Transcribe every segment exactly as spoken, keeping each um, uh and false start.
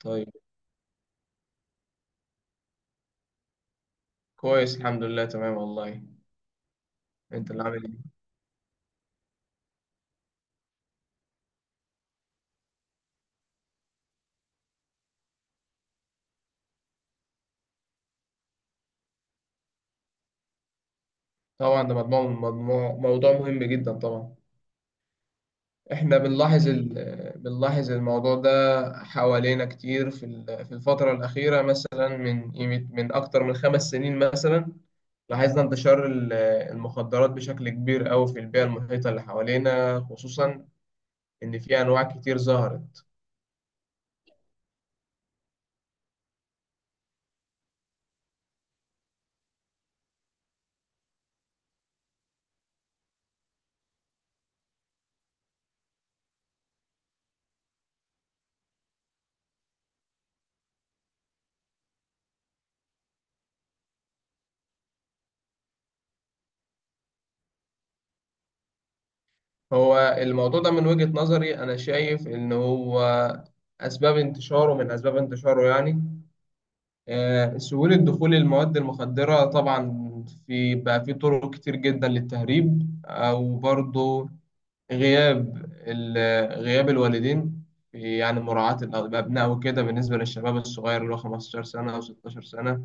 طيب. كويس الحمد لله، تمام والله. انت اللي عامل ايه؟ طبعا ده مجموع مجموع موضوع مهم جدا طبعا. احنا بنلاحظ ال... بنلاحظ الموضوع ده حوالينا كتير، في ال- في الفترة الأخيرة، مثلا من قيمة- من أكتر من خمس سنين مثلا. لاحظنا انتشار ال- المخدرات بشكل كبير أوي في البيئة المحيطة اللي حوالينا، خصوصا إن في أنواع كتير ظهرت. هو الموضوع ده من وجهة نظري أنا شايف إن هو أسباب انتشاره، من أسباب انتشاره يعني آه، سهولة دخول المواد المخدرة طبعا، في بقى في طرق كتير جدا للتهريب، أو برضو غياب ال- غياب الوالدين في- يعني مراعاة الأبناء وكده، بالنسبة للشباب الصغير اللي هو خمستاشر سنة أو ستاشر سنة.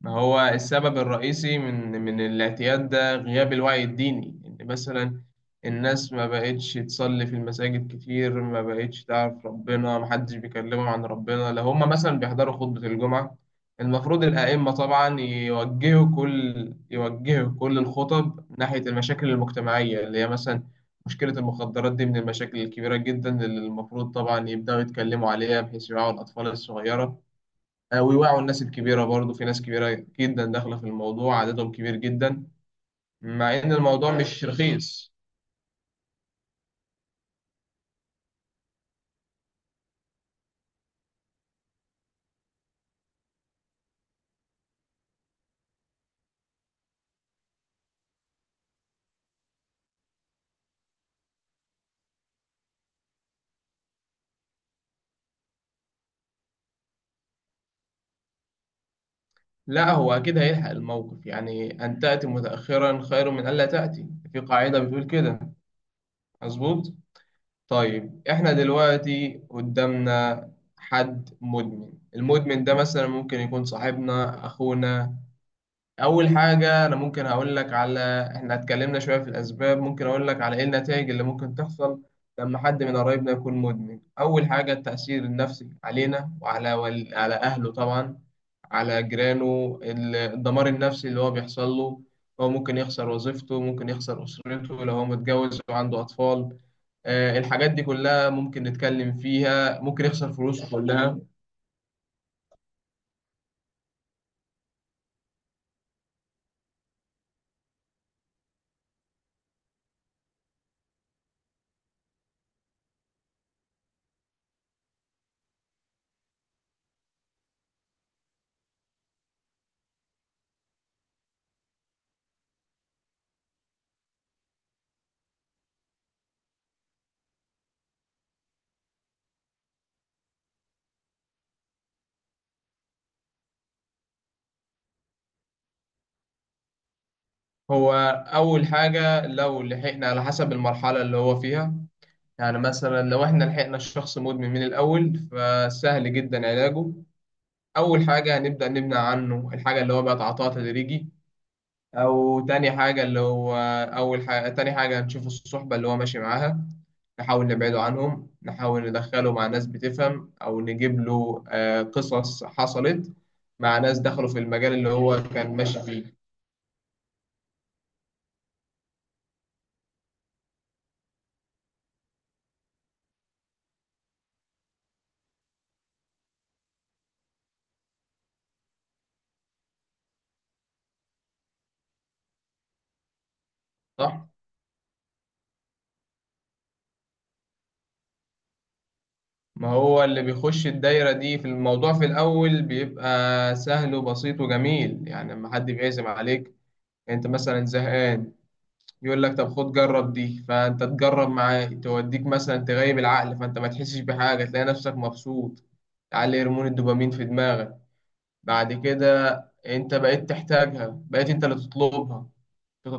ما هو السبب الرئيسي من من الاعتياد ده غياب الوعي الديني، إن مثلا الناس ما بقتش تصلي في المساجد كتير، ما بقتش تعرف ربنا، ما حدش بيكلمهم عن ربنا. لو هم مثلا بيحضروا خطبة الجمعة، المفروض الأئمة طبعا يوجهوا كل يوجهوا كل الخطب ناحية المشاكل المجتمعية اللي هي مثلا مشكلة المخدرات دي، من المشاكل الكبيرة جدا اللي المفروض طبعا يبدأوا يتكلموا عليها، بحيث يوعوا الأطفال الصغيرة. آه، ويوعوا الناس الكبيرة برضو، في ناس كبيرة جدا داخلة في الموضوع، عددهم كبير جدا، مع إن الموضوع مش رخيص. لا، هو أكيد هيلحق الموقف. يعني أن تأتي متأخرا خير من ألا تأتي، في قاعدة بتقول كده. مظبوط. طيب إحنا دلوقتي قدامنا حد مدمن. المدمن ده مثلا ممكن يكون صاحبنا، أخونا. اول حاجه انا ممكن هقول لك على، احنا اتكلمنا شويه في الاسباب، ممكن اقول لك على ايه النتائج اللي ممكن تحصل لما حد من قرايبنا يكون مدمن. اول حاجه التاثير النفسي علينا، وعلى ول... على اهله طبعا، على جيرانه، ال- الدمار النفسي اللي هو بيحصل له. هو ممكن يخسر وظيفته، ممكن يخسر اسرته لو هو متجوز وعنده اطفال. آه، الحاجات دي كلها ممكن نتكلم فيها، ممكن يخسر فلوسه كلها. هو اول حاجه لو لحقنا على حسب المرحله اللي هو فيها، يعني مثلا لو احنا لحقنا الشخص مدمن من الأول فسهل جدا علاجه. أول حاجة هنبدأ نمنع عنه الحاجة اللي هو بيتعاطاها تدريجي. أو تاني حاجة اللي هو أول حاجة تاني حاجة هنشوف الصحبة اللي هو ماشي معاها، نحاول نبعده عنهم، نحاول ندخله مع ناس بتفهم، أو نجيب له آه، قصص حصلت مع ناس دخلوا في المجال اللي هو كان ماشي فيه. صح؟ ما هو اللي بيخش الدايرة دي في الموضوع في الأول بيبقى سهل وبسيط وجميل، يعني لما حد بيعزم عليك، أنت مثلا زهقان، يقول لك طب خد جرب دي، فأنت تجرب معاه، توديك مثلا تغيب العقل، فأنت ما تحسش بحاجة، تلاقي نفسك مبسوط، تعلي هرمون الدوبامين في دماغك. بعد كده أنت بقيت تحتاجها، بقيت أنت اللي تطلبها،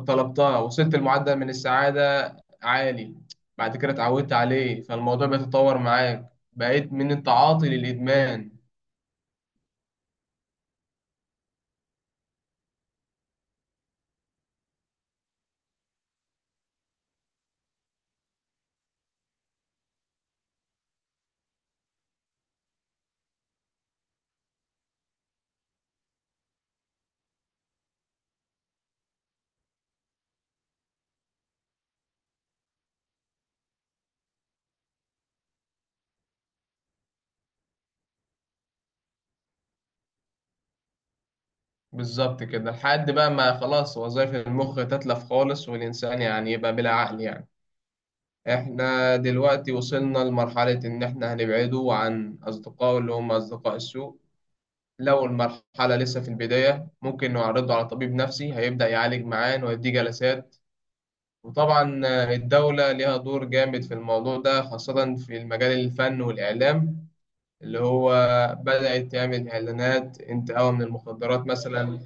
طلبتها، وصلت لمعدل من السعادة عالي. بعد كده اتعودت عليه، فالموضوع بيتطور معاك، بقيت من التعاطي للإدمان. بالظبط كده، لحد بقى ما خلاص وظائف المخ تتلف خالص، والإنسان يعني يبقى بلا عقل يعني. احنا دلوقتي وصلنا لمرحلة إن احنا هنبعده عن أصدقائه اللي هم أصدقاء السوء. لو المرحلة لسه في البداية، ممكن نعرضه على طبيب نفسي، هيبدأ يعالج معاه ويديه جلسات. وطبعا آه، الدولة ليها دور جامد في الموضوع ده، خاصة في المجال الفن والإعلام، اللي هو بدأت تعمل إعلانات انتقاء من المخدرات مثلا.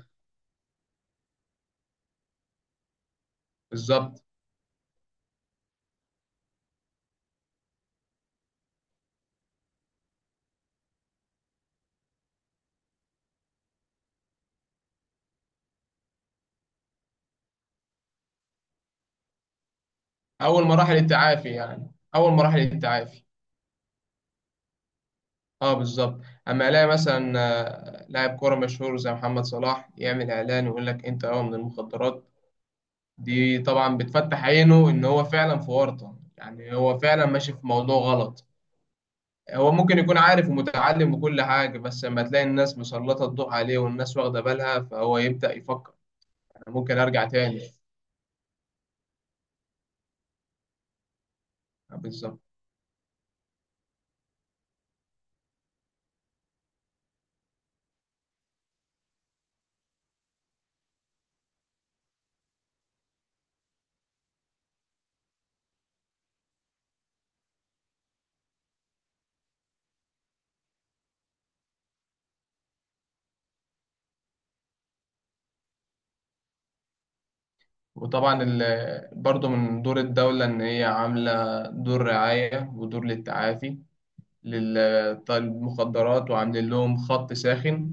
بالظبط. أول مراحل التعافي يعني، أول مراحل التعافي. اه بالظبط. أما ألاقي مثلا آه، لاعب كورة مشهور زي محمد صلاح يعمل إعلان ويقول لك انتقاء من المخدرات، دي طبعا بتفتح عينه إن هو فعلا في ورطة، يعني هو فعلا ماشي في موضوع غلط. هو ممكن يكون عارف ومتعلم وكل حاجة، بس لما تلاقي الناس مسلطة الضوء عليه والناس واخدة بالها، فهو يبدأ يفكر. أنا ممكن أرجع تاني. آه، بالظبط. وطبعا ال- برضه من دور الدولة إن هي عاملة دور رعاية ودور للتعافي للمخدرات، وعاملين لهم خط ساخن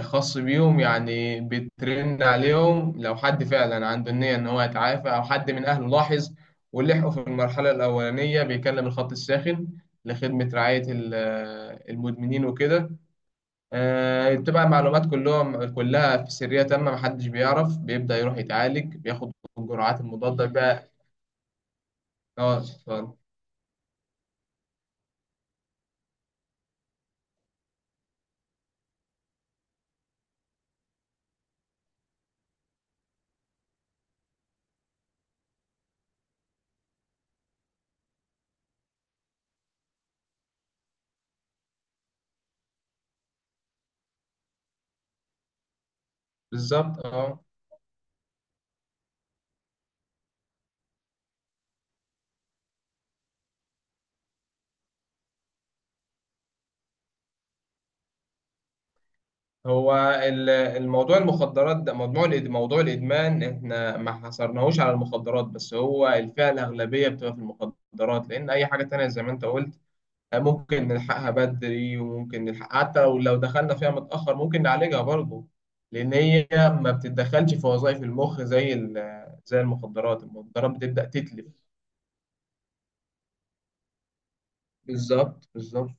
خاص بيهم، يعني بيترن عليهم لو حد فعلا عنده النية إن هو يتعافى، أو حد من أهله لاحظ ولحقه في المرحلة الأولانية، بيكلم الخط الساخن لخدمة رعاية ال- آه، المدمنين وكده. آه، بتبقى معلومات كلهم كلها في سرية تامة، محدش بيعرف، بيبدأ يروح يتعالج، بياخد الجرعات المضادة بقى. اه بالظبط. اه هو ال- الموضوع المخدرات ده، موضوع الإد- موضوع الإدمان، احنا ما حصرناهوش على المخدرات بس، هو الفئة الأغلبية بتبقى في المخدرات، لأن أي حاجة تانية زي ما أنت قلت آه، ممكن نلحقها بدري، وممكن نلحق حتى لو لو دخلنا فيها متأخر ممكن نعالجها برضه، لأن هي ما بتتدخلش في وظائف المخ زي ال- زي المخدرات، المخدرات بتبدأ تتلف. بالظبط، بالظبط.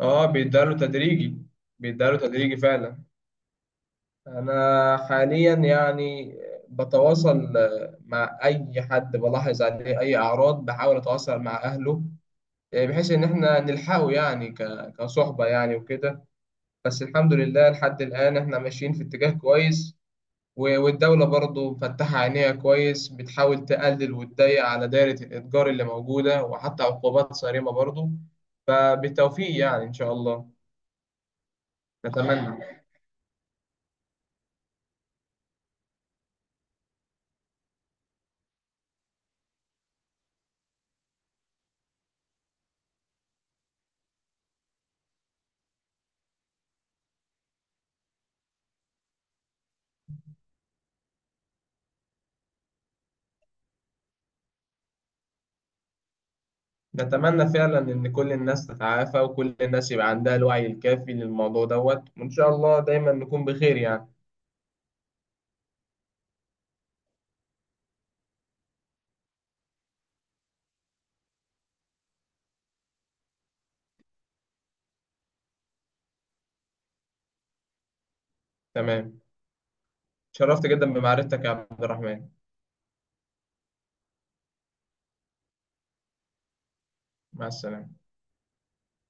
اه، بيداله تدريجي بيداله تدريجي فعلا. أنا حاليا يعني بتواصل مع أي حد بلاحظ عليه أي أعراض، بحاول أتواصل مع أهله، يعني بحيث إن إحنا نلحقه يعني ك- كصحبة يعني وكده. بس الحمد لله لحد الآن إحنا ماشيين في اتجاه كويس، و- والدولة برضه مفتحة عينيها كويس، بتحاول تقلل وتضيق على دائرة الإتجار اللي موجودة، وحتى عقوبات صارمة برضه. فبالتوفيق يعني إن شاء الله. نتمنى نتمنى فعلا ان كل الناس تتعافى، وكل الناس يبقى عندها الوعي الكافي للموضوع دوت، وان شاء الله دايما نكون بخير يعني. تمام، شرفت جدا بمعرفتك يا عبد الرحمن. مع السلامة.